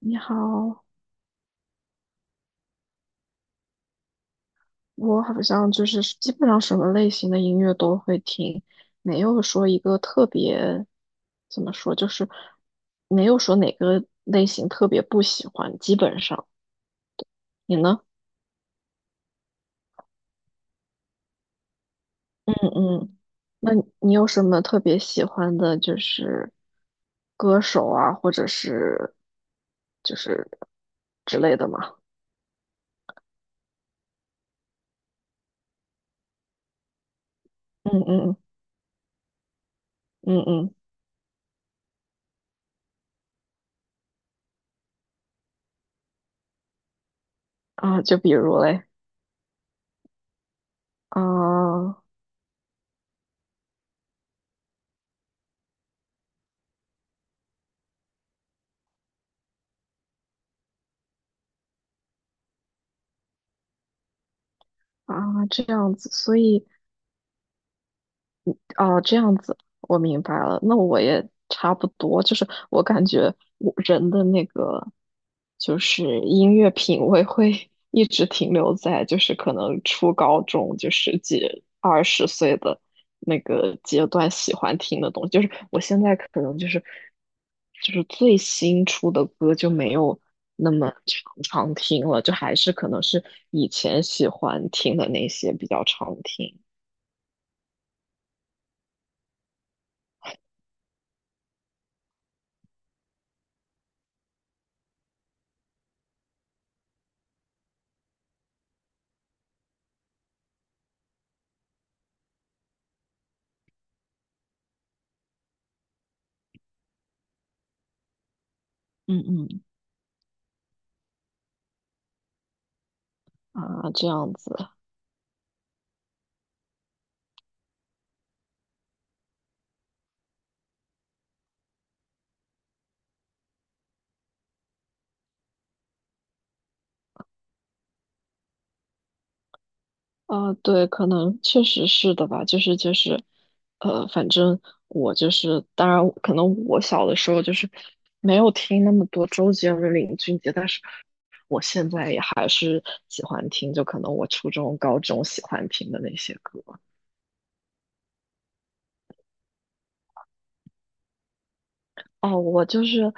你好。我好像就是基本上什么类型的音乐都会听，没有说一个特别，怎么说，就是没有说哪个类型特别不喜欢，基本上。你呢？嗯嗯。那你有什么特别喜欢的，就是歌手啊，或者是就是之类的吗？嗯嗯嗯嗯。啊，就比如嘞。啊啊，这样子，所以。哦，这样子，我明白了。那我也差不多，就是我感觉我人的那个，就是音乐品味会 一直停留在，就是可能初高中，就十几、20岁的那个阶段喜欢听的东西。就是我现在可能就是，就是最新出的歌就没有那么常常听了，就还是可能是以前喜欢听的那些比较常听。嗯嗯。啊，这样子。啊，对，可能确实是的吧，就是反正我就是，当然可能我小的时候就是没有听那么多周杰伦、林俊杰，但是我现在也还是喜欢听，就可能我初中、高中喜欢听的那些歌。哦，我就是，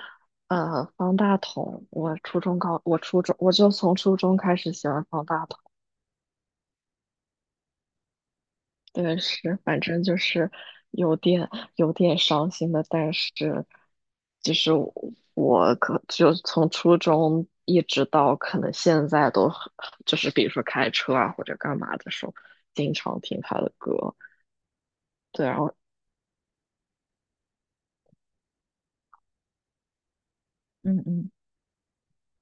方大同，我初中高，我初中我就从初中开始喜欢方大同。对，是，反正就是有点有点伤心的，但是其实我可就从初中一直到可能现在都很就是比如说开车啊或者干嘛的时候，经常听他的歌。对，然后嗯嗯。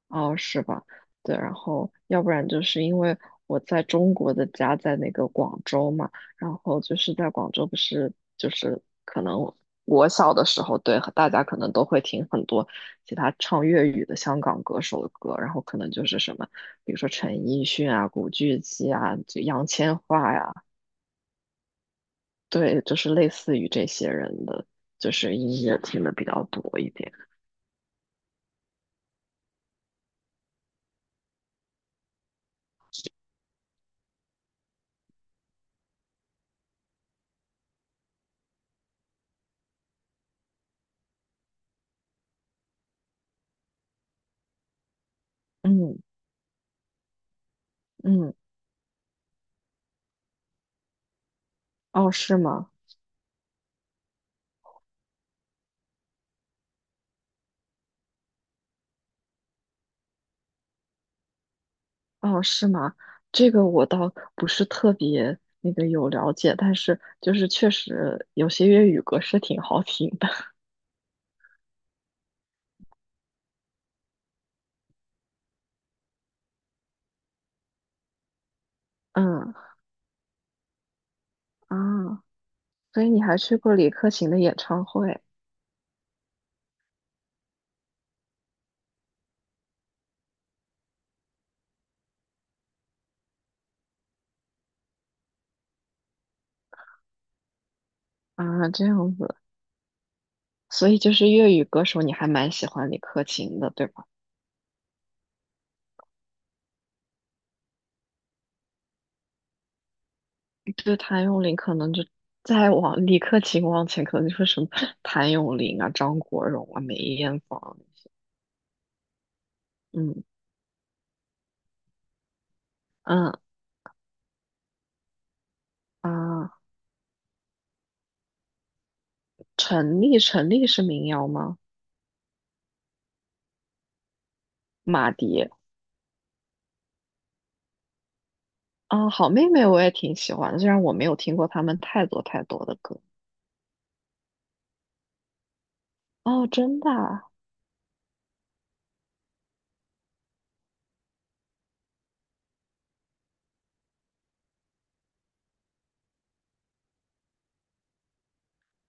哦，是吧？对，然后要不然就是因为我在中国的家在那个广州嘛，然后就是在广州不是就是可能我小的时候，对，大家可能都会听很多其他唱粤语的香港歌手的歌，然后可能就是什么，比如说陈奕迅啊、古巨基啊、就杨千嬅呀。对，就是类似于这些人的，就是音乐听的比较多一点。嗯嗯。哦，是吗？哦，是吗？这个我倒不是特别那个有了解，但是就是确实有些粤语歌是挺好听的。嗯。啊，所以你还去过李克勤的演唱会啊？这样子，所以就是粤语歌手，你还蛮喜欢李克勤的，对吧？就是谭咏麟，可能就再往李克勤往前，可能就是什么谭咏麟啊、张国荣啊、梅艳芳。嗯嗯。啊，陈粒，陈粒是民谣吗？马迪。啊，好妹妹我也挺喜欢的，虽然我没有听过他们太多太多的歌。哦，真的啊？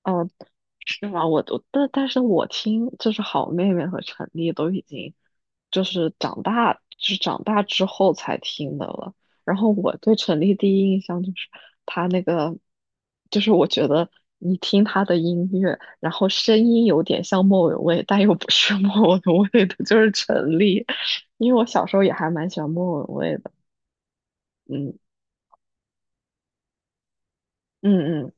哦，是吗？我都，但是我听就是好妹妹和陈粒都已经就是长大，就是长大之后才听的了。然后我对陈粒第一印象就是她那个，就是我觉得你听她的音乐，然后声音有点像莫文蔚，但又不是莫文蔚的，就是陈粒。因为我小时候也还蛮喜欢莫文蔚的。嗯。嗯嗯。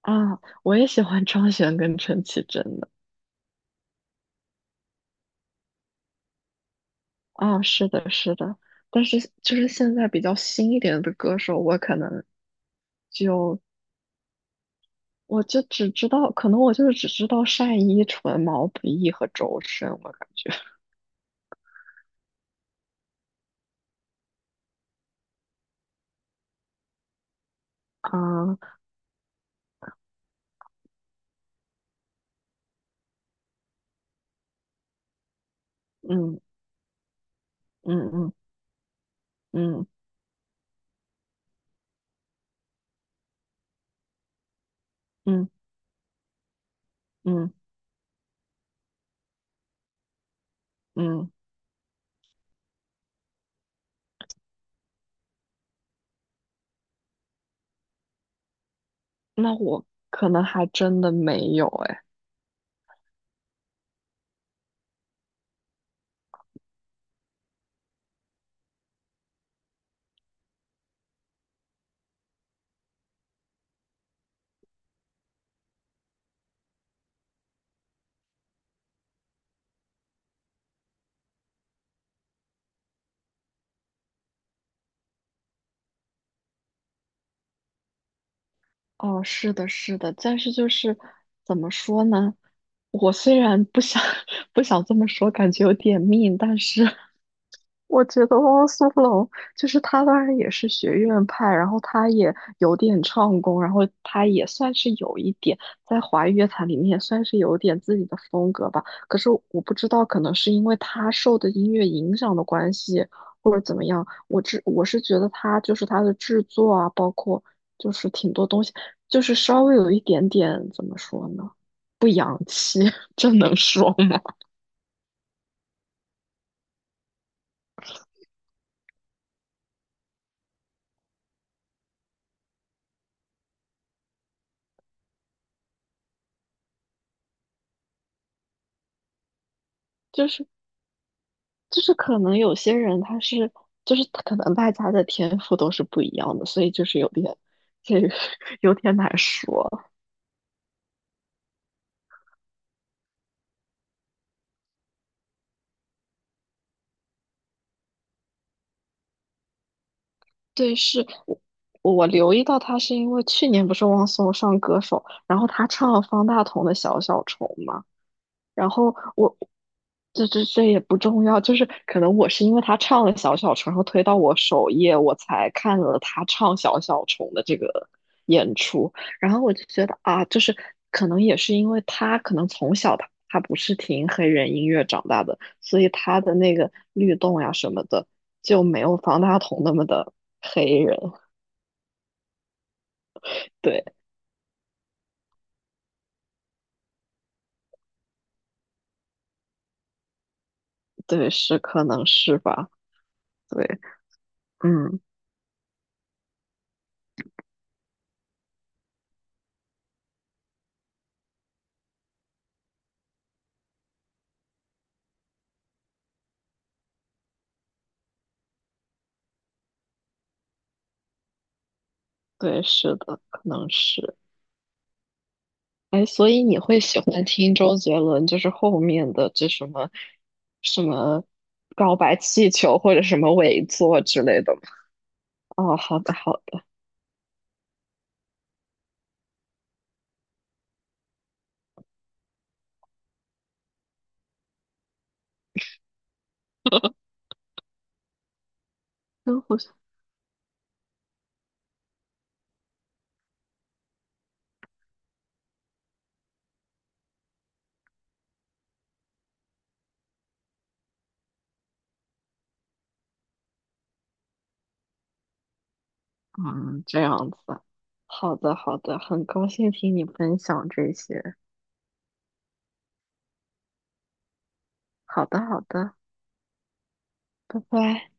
啊，我也喜欢张悬跟陈绮贞的。啊，是的，是的，但是就是现在比较新一点的歌手，我可能就我就只知道，可能我就是只知道单依纯、毛不易和周深，我感觉啊。嗯嗯嗯嗯嗯嗯嗯。那我可能还真的没有哎。哦，是的，是的，但是就是怎么说呢？我虽然不想 不想这么说，感觉有点命，但是我觉得汪苏泷就是他，当然也是学院派，然后他也有点唱功，然后他也算是有一点在华语乐坛里面也算是有点自己的风格吧。可是我不知道，可能是因为他受的音乐影响的关系，或者怎么样，我是觉得他就是他的制作啊，包括。就是挺多东西。就是稍微有一点点怎么说呢，不洋气，这能说吗？就是就是可能有些人他是就是可能大家的天赋都是不一样的，所以就是有点这个 有点难说。对，是我留意到他是因为去年不是汪苏泷上歌手，然后他唱了方大同的《小小虫》嘛。然后我这也不重要，就是可能我是因为他唱了小小虫，然后推到我首页，我才看了他唱小小虫的这个演出，然后我就觉得啊，就是可能也是因为他可能从小他不是听黑人音乐长大的，所以他的那个律动呀什么的就没有方大同那么的黑人。对对，是可能是吧。对。嗯。对，是的可能是。哎，所以你会喜欢听周杰伦，就是后面的这什么什么告白气球或者什么尾作之类的吗？哦，好的好的。真互。嗯，这样子，好的好的，很高兴听你分享这些，好的好的，拜拜。